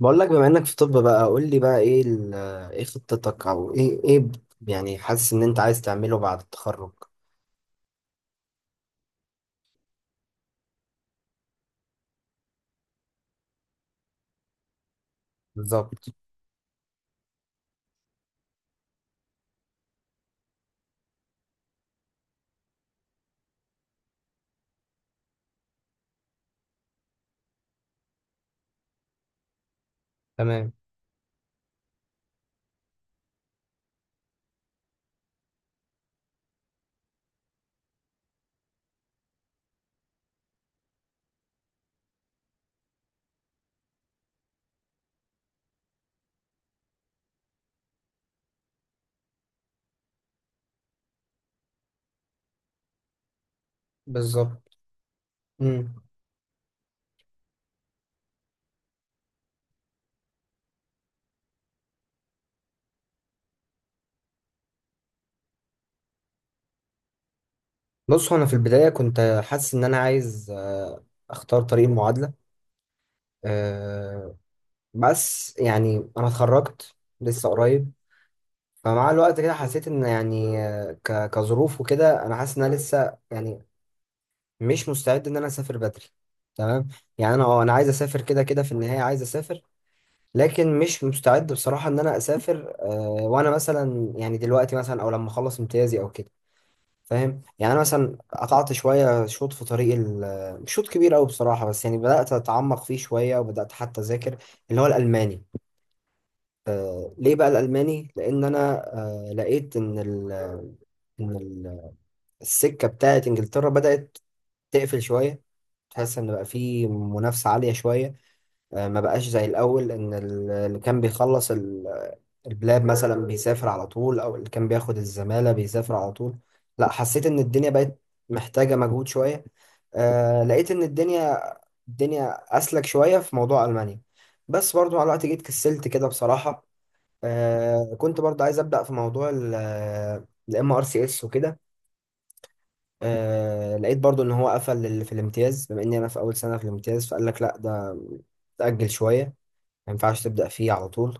بقول لك بما انك في طب بقى قول لي بقى ايه خطتك او يعني حاسس ان انت عايز تعمله بعد التخرج. بالظبط. تمام. بالظبط. امم بص، هو انا في البدايه كنت حاسس ان انا عايز، اختار طريق المعادله. أه. بس يعني انا اتخرجت لسه قريب، فمع الوقت كده حسيت ان يعني كظروف وكده انا حاسس ان انا لسه يعني مش مستعد ان انا اسافر بدري. تمام. يعني انا اه انا عايز اسافر، كده كده في النهايه عايز اسافر، لكن مش مستعد بصراحة ان انا اسافر، وانا مثلا يعني دلوقتي مثلا او لما اخلص امتيازي او كده. فاهم؟ يعني انا مثلا قطعت شوية شوط في طريق مش شوط كبير قوي بصراحة، بس يعني بدأت اتعمق فيه شوية وبدأت حتى اذاكر اللي هو الالماني. ليه بقى الالماني؟ لان انا لقيت ان ان ال- السكة بتاعت انجلترا بدأت تقفل شوية، تحس ان بقى في منافسة عالية شوية. ما بقاش زي الاول ان اللي كان بيخلص البلاد مثلا بيسافر على طول، او اللي كان بياخد الزمالة بيسافر على طول. لا حسيت ان الدنيا بقت محتاجة مجهود شوية. آه لقيت ان الدنيا اسلك شوية في موضوع المانيا. بس برضو مع الوقت جيت كسلت كده بصراحة. آه كنت برضو عايز ابدأ في موضوع الام ار سي اس وكده. آه لقيت برضو ان هو قفل في الامتياز، بما اني انا في اول سنة في الامتياز، فقال لك لا ده تأجل شوية، ما ينفعش تبدأ فيه على طول.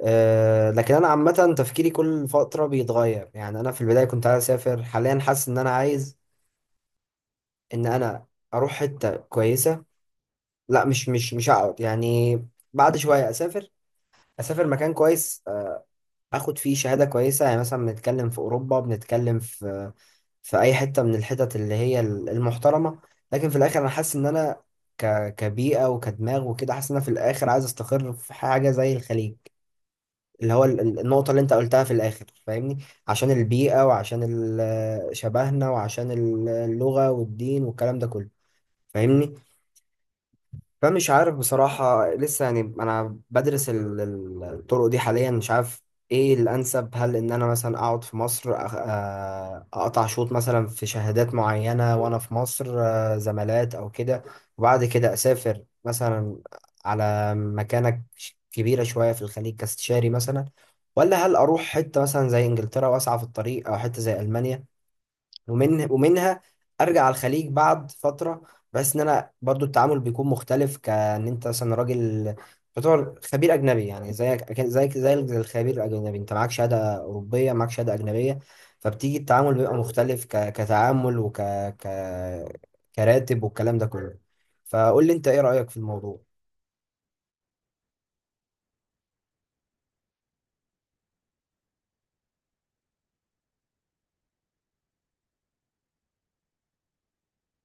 لكن انا عامه تفكيري كل فتره بيتغير، يعني انا في البدايه كنت عايز اسافر، حاليا حاسس ان انا عايز ان انا اروح حته كويسه. لا مش هقعد يعني، بعد شويه اسافر، اسافر مكان كويس، اخد فيه شهاده كويسه، يعني مثلا بنتكلم في اوروبا، بنتكلم في اي حته من الحتت اللي هي المحترمه. لكن في الاخر انا حاسس ان انا كبيئه وكدماغ وكده، حاسس ان انا في الاخر عايز استقر في حاجه زي الخليج، اللي هو النقطة اللي انت قلتها في الآخر. فاهمني؟ عشان البيئة، وعشان شبهنا، وعشان اللغة والدين والكلام ده كله. فاهمني؟ فمش عارف بصراحة لسه يعني، أنا بدرس الطرق دي حاليا، مش عارف إيه الأنسب، هل إن أنا مثلا أقعد في مصر أقطع شوط مثلا في شهادات معينة وأنا في مصر، زمالات أو كده، وبعد كده أسافر مثلا على مكانة كبيرة شوية في الخليج كاستشاري مثلا، ولا هل أروح حتة مثلا زي إنجلترا وأسعى في الطريق، أو حتة زي ألمانيا ومنها ارجع على الخليج بعد فتره. بس ان انا برضو التعامل بيكون مختلف، كان انت مثلا راجل تعتبر خبير اجنبي، يعني زيك أكن- زيك زيك زي الخبير الاجنبي، انت معاك شهاده اوروبيه، معاك شهاده اجنبيه، فبتيجي التعامل بيبقى مختلف كتعامل ك... كراتب والكلام ده كله. فقول لي انت ايه رايك في الموضوع.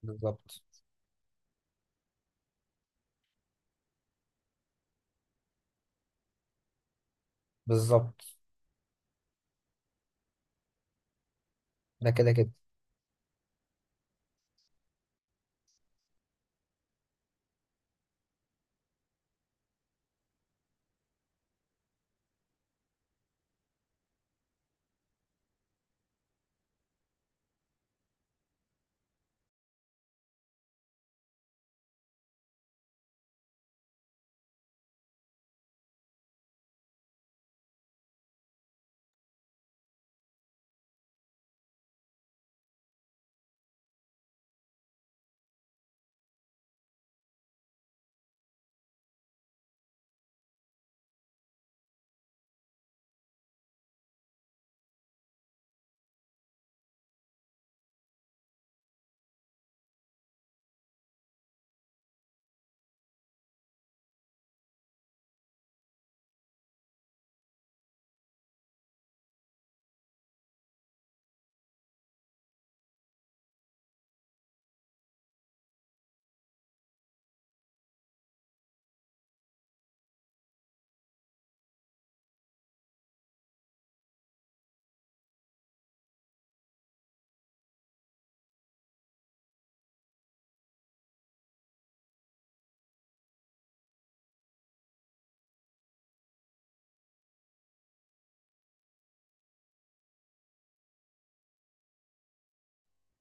بالظبط. بالظبط. ده كده كده.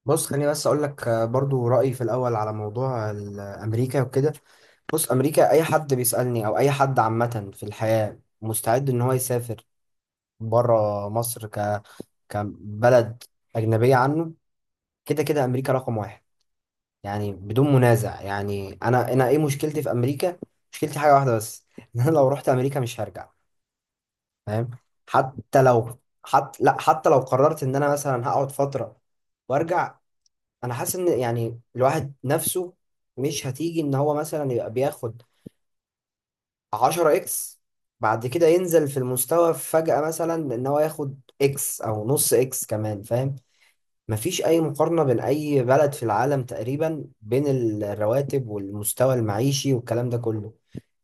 بص، خليني بس اقول لك، برضو رايي في الاول على موضوع امريكا وكده. بص، امريكا اي حد بيسالني او اي حد عامه في الحياه مستعد ان هو يسافر بره مصر كبلد اجنبيه عنه، كده كده امريكا رقم واحد، يعني بدون منازع. يعني انا انا ايه مشكلتي في امريكا؟ مشكلتي حاجه واحده بس ان انا لو رحت امريكا مش هرجع. فاهم؟ حتى لو حتى لا حتى لو قررت ان انا مثلا هقعد فتره وارجع، انا حاسس ان يعني الواحد نفسه مش هتيجي ان هو مثلا يبقى بياخد 10 اكس، بعد كده ينزل في المستوى فجأة مثلا ان هو ياخد اكس او نص اكس كمان. فاهم؟ مفيش اي مقارنة بين اي بلد في العالم تقريبا، بين الرواتب والمستوى المعيشي والكلام ده كله.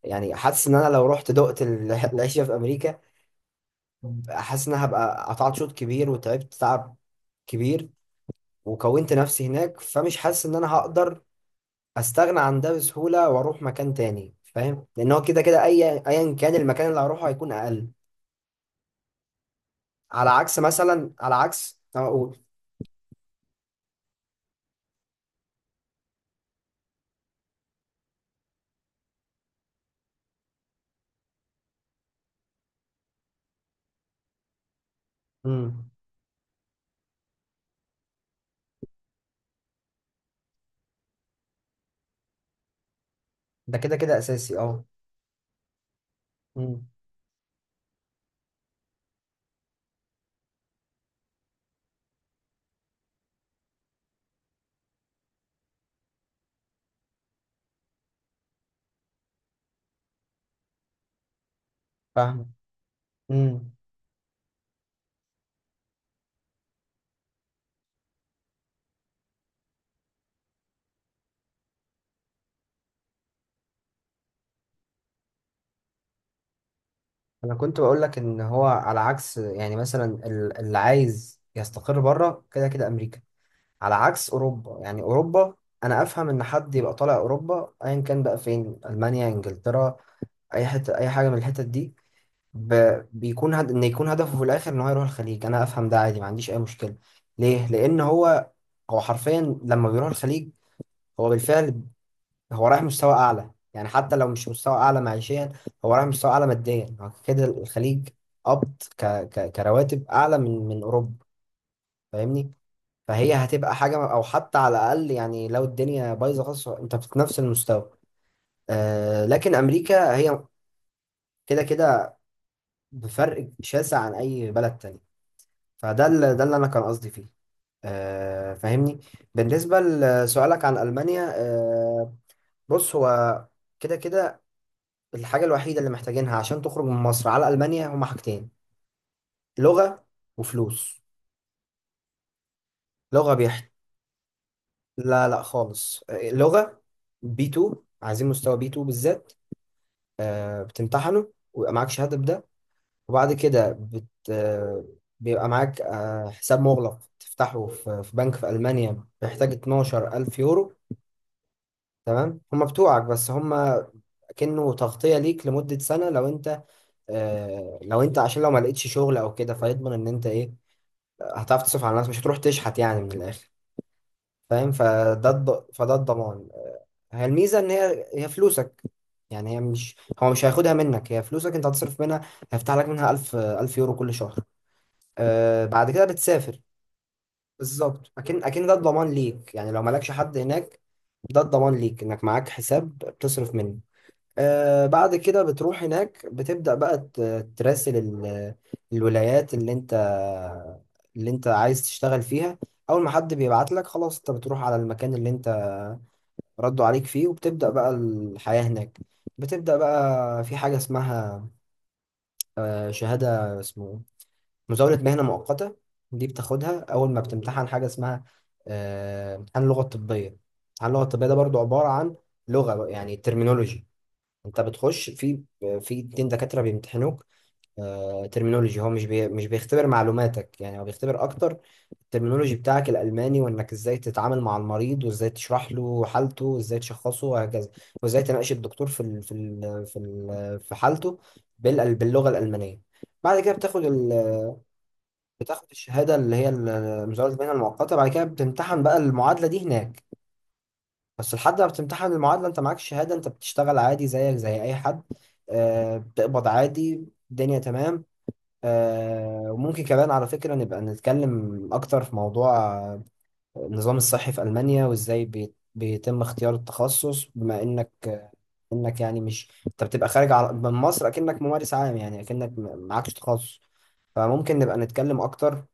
يعني حاسس ان انا لو رحت دقت العيشة في امريكا، حاسس ان أنا هبقى قطعت شوط كبير، وتعبت تعب كبير، وكونت نفسي هناك، فمش حاسس ان انا هقدر استغنى عن ده بسهوله واروح مكان تاني. فاهم؟ لان هو كده كده ايا كان المكان اللي هروحه هيكون اقل. على عكس مثلا، على عكس أه اقول. امم ده كده كده اساسي اه. امم فاهم. امم انا كنت بقول لك ان هو على عكس، يعني مثلا اللي عايز يستقر بره كده كده امريكا. على عكس اوروبا، يعني اوروبا، انا افهم ان حد يبقى طالع اوروبا ايا كان بقى فين، المانيا، انجلترا، اي حته، اي حاجه من الحتت دي، ب... بيكون ان يكون هدفه في الاخر ان هو يروح الخليج، انا افهم ده عادي، ما عنديش اي مشكله. ليه؟ لان هو حرفيا لما بيروح الخليج هو بالفعل هو رايح مستوى اعلى، يعني حتى لو مش مستوى اعلى معيشيا، هو رايح مستوى اعلى ماديا. هو كده الخليج قبض كرواتب اعلى من اوروبا. فاهمني؟ فهي هتبقى حاجه، او حتى على الاقل يعني لو الدنيا بايظه خالص انت في نفس المستوى. آه... لكن امريكا هي كده كده بفرق شاسع عن اي بلد تاني. فده اللي، ده اللي انا كان قصدي فيه، آه. فاهمني؟ بالنسبه لسؤالك عن المانيا، آه، بص هو كده كده الحاجه الوحيده اللي محتاجينها عشان تخرج من مصر على المانيا هما حاجتين: لغه وفلوس. لغه بيحت. لا لا خالص، آه، لغه بي 2، عايزين مستوى بي 2 بالذات. آه بتمتحنه ويبقى معاك شهاده بده، وبعد كده آه بيبقى معاك آه حساب مغلق تفتحه في بنك في المانيا، بيحتاج 12000 يورو. تمام، هم بتوعك بس هم كأنه تغطية ليك لمدة سنة لو انت، لو انت عشان لو ما لقيتش شغل او كده، فيضمن ان انت ايه، هتعرف تصرف على نفسك، مش هتروح تشحت يعني من الاخر. فاهم؟ فده الضمان. هي الميزة ان هي هي فلوسك، يعني هي مش، هو مش هياخدها منك، هي فلوسك انت هتصرف منها. هيفتح لك منها 1000 يورو كل شهر. آه بعد كده بتسافر. بالظبط. اكن ده الضمان ليك، يعني لو مالكش حد هناك ده الضمان ليك انك معاك حساب بتصرف منه. آه بعد كده بتروح هناك، بتبدأ بقى تراسل الولايات اللي انت اللي انت عايز تشتغل فيها. اول ما حد بيبعت لك خلاص، انت بتروح على المكان اللي انت ردوا عليك فيه، وبتبدأ بقى الحياة هناك. بتبدأ بقى في حاجة اسمها، آه، شهادة اسمه مزاولة مهنة مؤقتة، دي بتاخدها اول ما بتمتحن حاجة اسمها، آه، امتحان اللغة الطبية. امتحان اللغة الطبية ده برضو عبارة عن لغة يعني terminology. انت بتخش في اتنين دكاترة بيمتحنوك، آه، ترمينولوجي، هو مش بيختبر معلوماتك، يعني هو بيختبر اكتر الترمينولوجي بتاعك الالماني، وانك ازاي تتعامل مع المريض، وازاي تشرح له حالته، وازاي تشخصه، وهكذا، وازاي تناقش الدكتور في حالته باللغة الالمانية. بعد كده بتاخد الشهادة اللي هي مزاولة المهنة المؤقتة. بعد كده بتمتحن بقى المعادلة دي هناك. بس لحد ما بتمتحن المعادلة انت معاك شهادة، انت بتشتغل عادي زيك زي اي حد. آه بتقبض عادي، الدنيا تمام. آه وممكن كمان على فكرة نبقى نتكلم اكتر في موضوع، آه، النظام الصحي في ألمانيا، وازاي بيتم اختيار التخصص، بما انك، آه، انك يعني مش، انت بتبقى خارج من مصر اكنك ممارس عام، يعني اكنك معكش تخصص. فممكن نبقى نتكلم اكتر.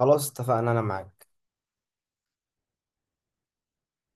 خلاص اتفقنا، انا معاك.